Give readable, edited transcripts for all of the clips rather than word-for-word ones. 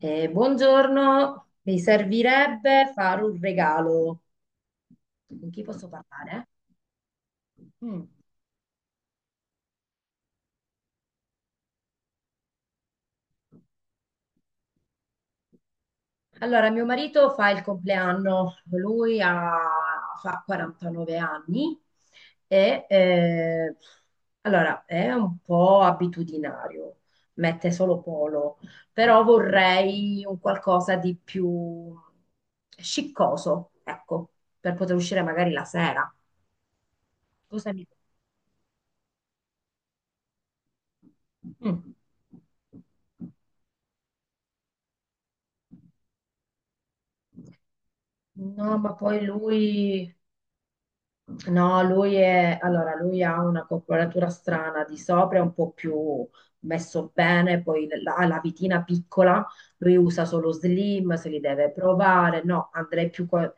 Buongiorno, mi servirebbe fare un regalo. Con chi posso parlare? Mm. Allora, mio marito fa il compleanno, lui fa 49 anni e allora è un po' abitudinario, mette solo polo, però vorrei un qualcosa di più sciccoso, ecco, per poter uscire magari la sera. Cosa mi Mm. No, ma poi lui, no, lui è, allora, lui ha una corporatura strana, di sopra è un po' più messo bene, poi ha la vitina piccola, lui usa solo slim, se li deve provare, no, andrei più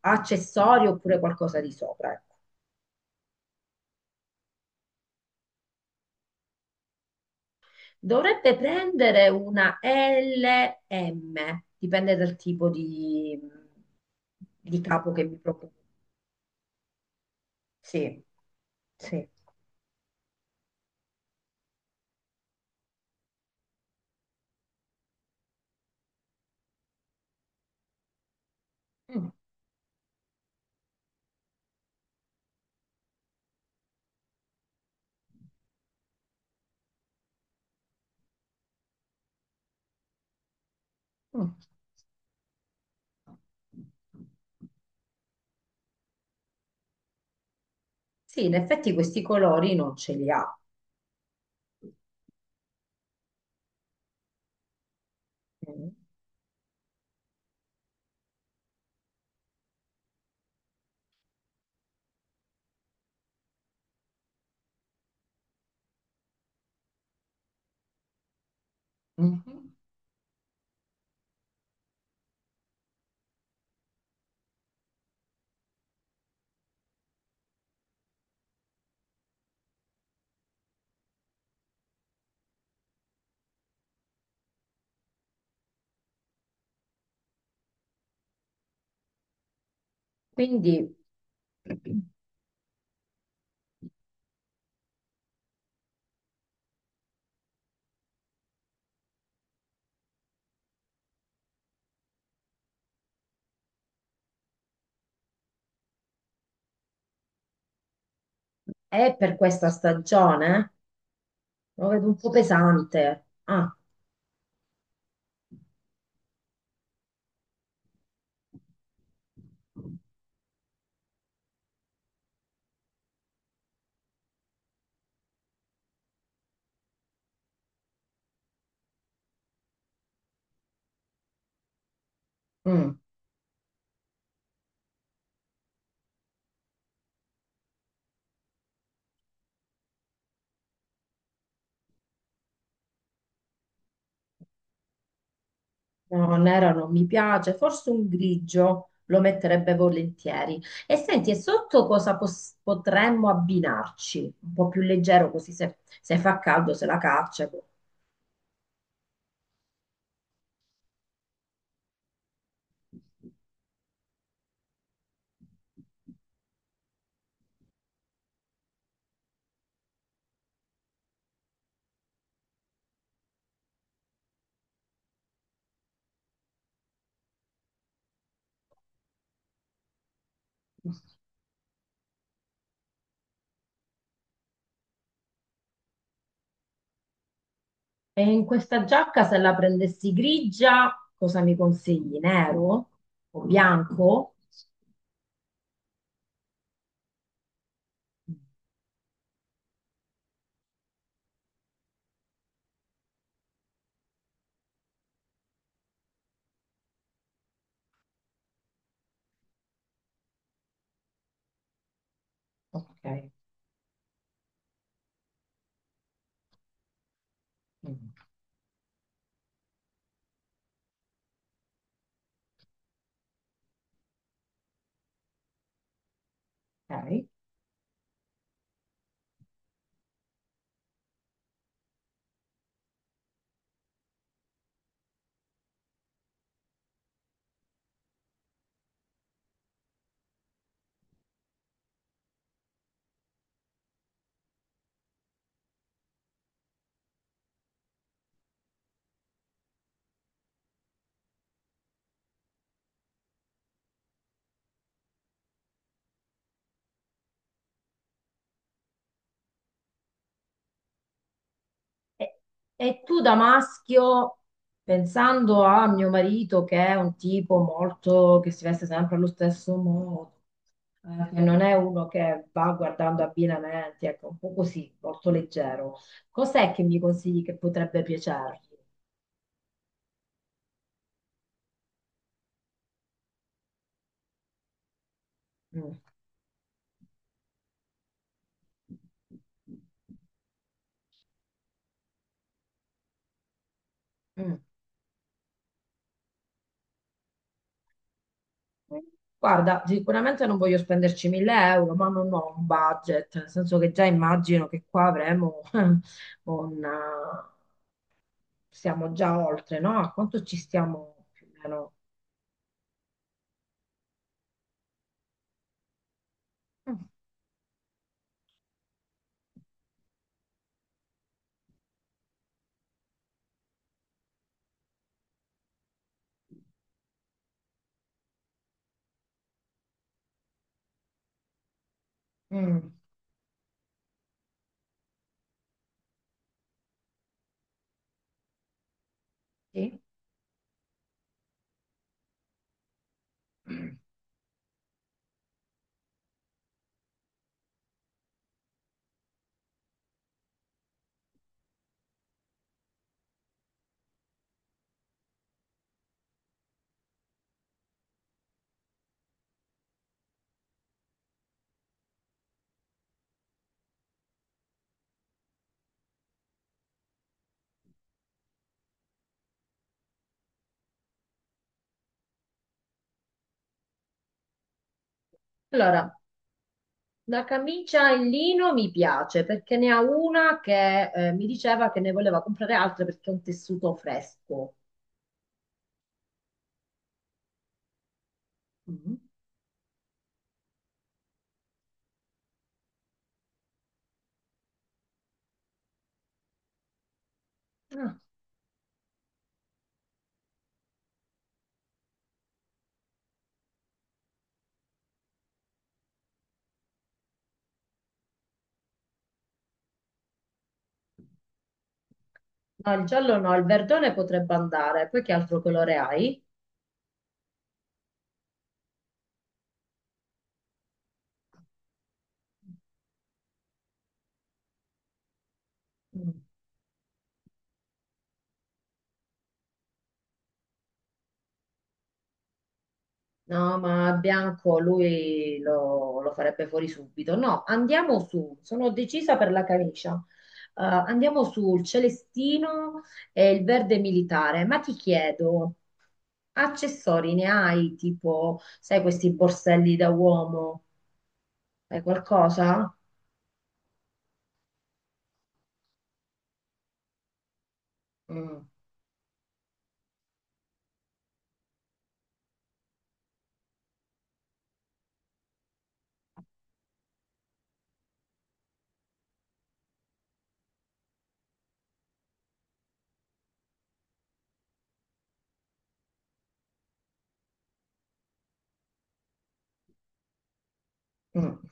accessori oppure qualcosa di sopra, ecco. Dovrebbe prendere una LM, dipende dal tipo di capo che mi propone. Sì, sì. Mm. Sì, in effetti questi colori non ce li ha. Mm. Mhm. Quindi è per questa stagione? Lo vedo un po' pesante. Ah, mm. No, nero non mi piace, forse un grigio lo metterebbe volentieri. E senti, e sotto cosa potremmo abbinarci? Un po' più leggero, così se fa caldo se la caccia. Ecco. E in questa giacca, se la prendessi grigia, cosa mi consigli? Nero o bianco? Mm. Ok. Mm, ok. E, e tu da maschio, pensando a mio marito, che è un tipo molto che si veste sempre allo stesso modo, che non è uno che va guardando abbinamenti, ecco, un po' così, molto leggero, cos'è che mi consigli che potrebbe piacergli? Mm, mm. Guarda, sicuramente non voglio spenderci 1000 euro, ma non ho un budget, nel senso che già immagino che qua avremo un... eh, stiamo già oltre, no? A quanto ci stiamo più o meno? Mm, mm, sì. Allora, la camicia in lino mi piace perché ne ha una che mi diceva che ne voleva comprare altre perché è un tessuto fresco. Mm. Ah. No, il giallo no, il verdone potrebbe andare. Poi che altro colore hai? Mm. No, ma bianco lui lo farebbe fuori subito. No, andiamo su, sono decisa per la camicia. Andiamo sul celestino e il verde militare. Ma ti chiedo, accessori ne hai? Tipo, sai, questi borselli da uomo? Hai qualcosa? Mm, mm,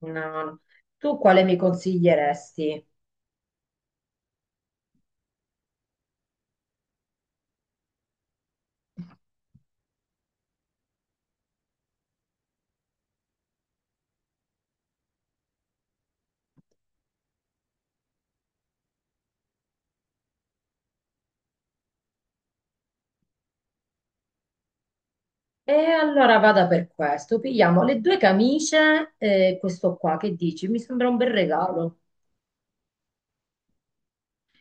no. No. Tu quale mi consiglieresti? E allora vada per questo. Pigliamo le due camicie e questo qua, che dici? Mi sembra un bel regalo.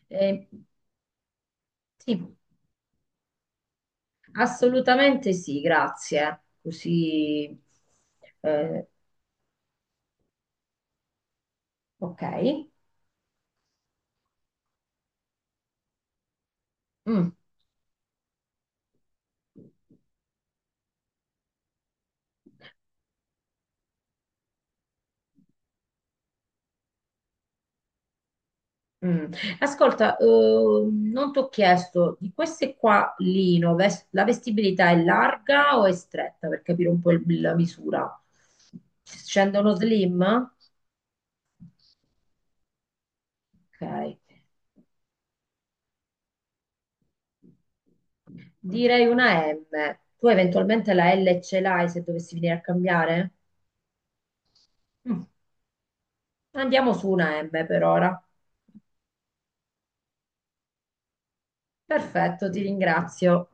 Eh, sì, assolutamente sì, grazie. Così, eh, ok. Mm, mm. Ascolta, non ti ho chiesto di queste qua, Lino, la vestibilità è larga o è stretta per capire un po' la misura? Scendono slim? Ok. Direi una M. Tu eventualmente la L ce l'hai se dovessi venire a cambiare? Mm. Andiamo su una M per ora. Perfetto, ti ringrazio.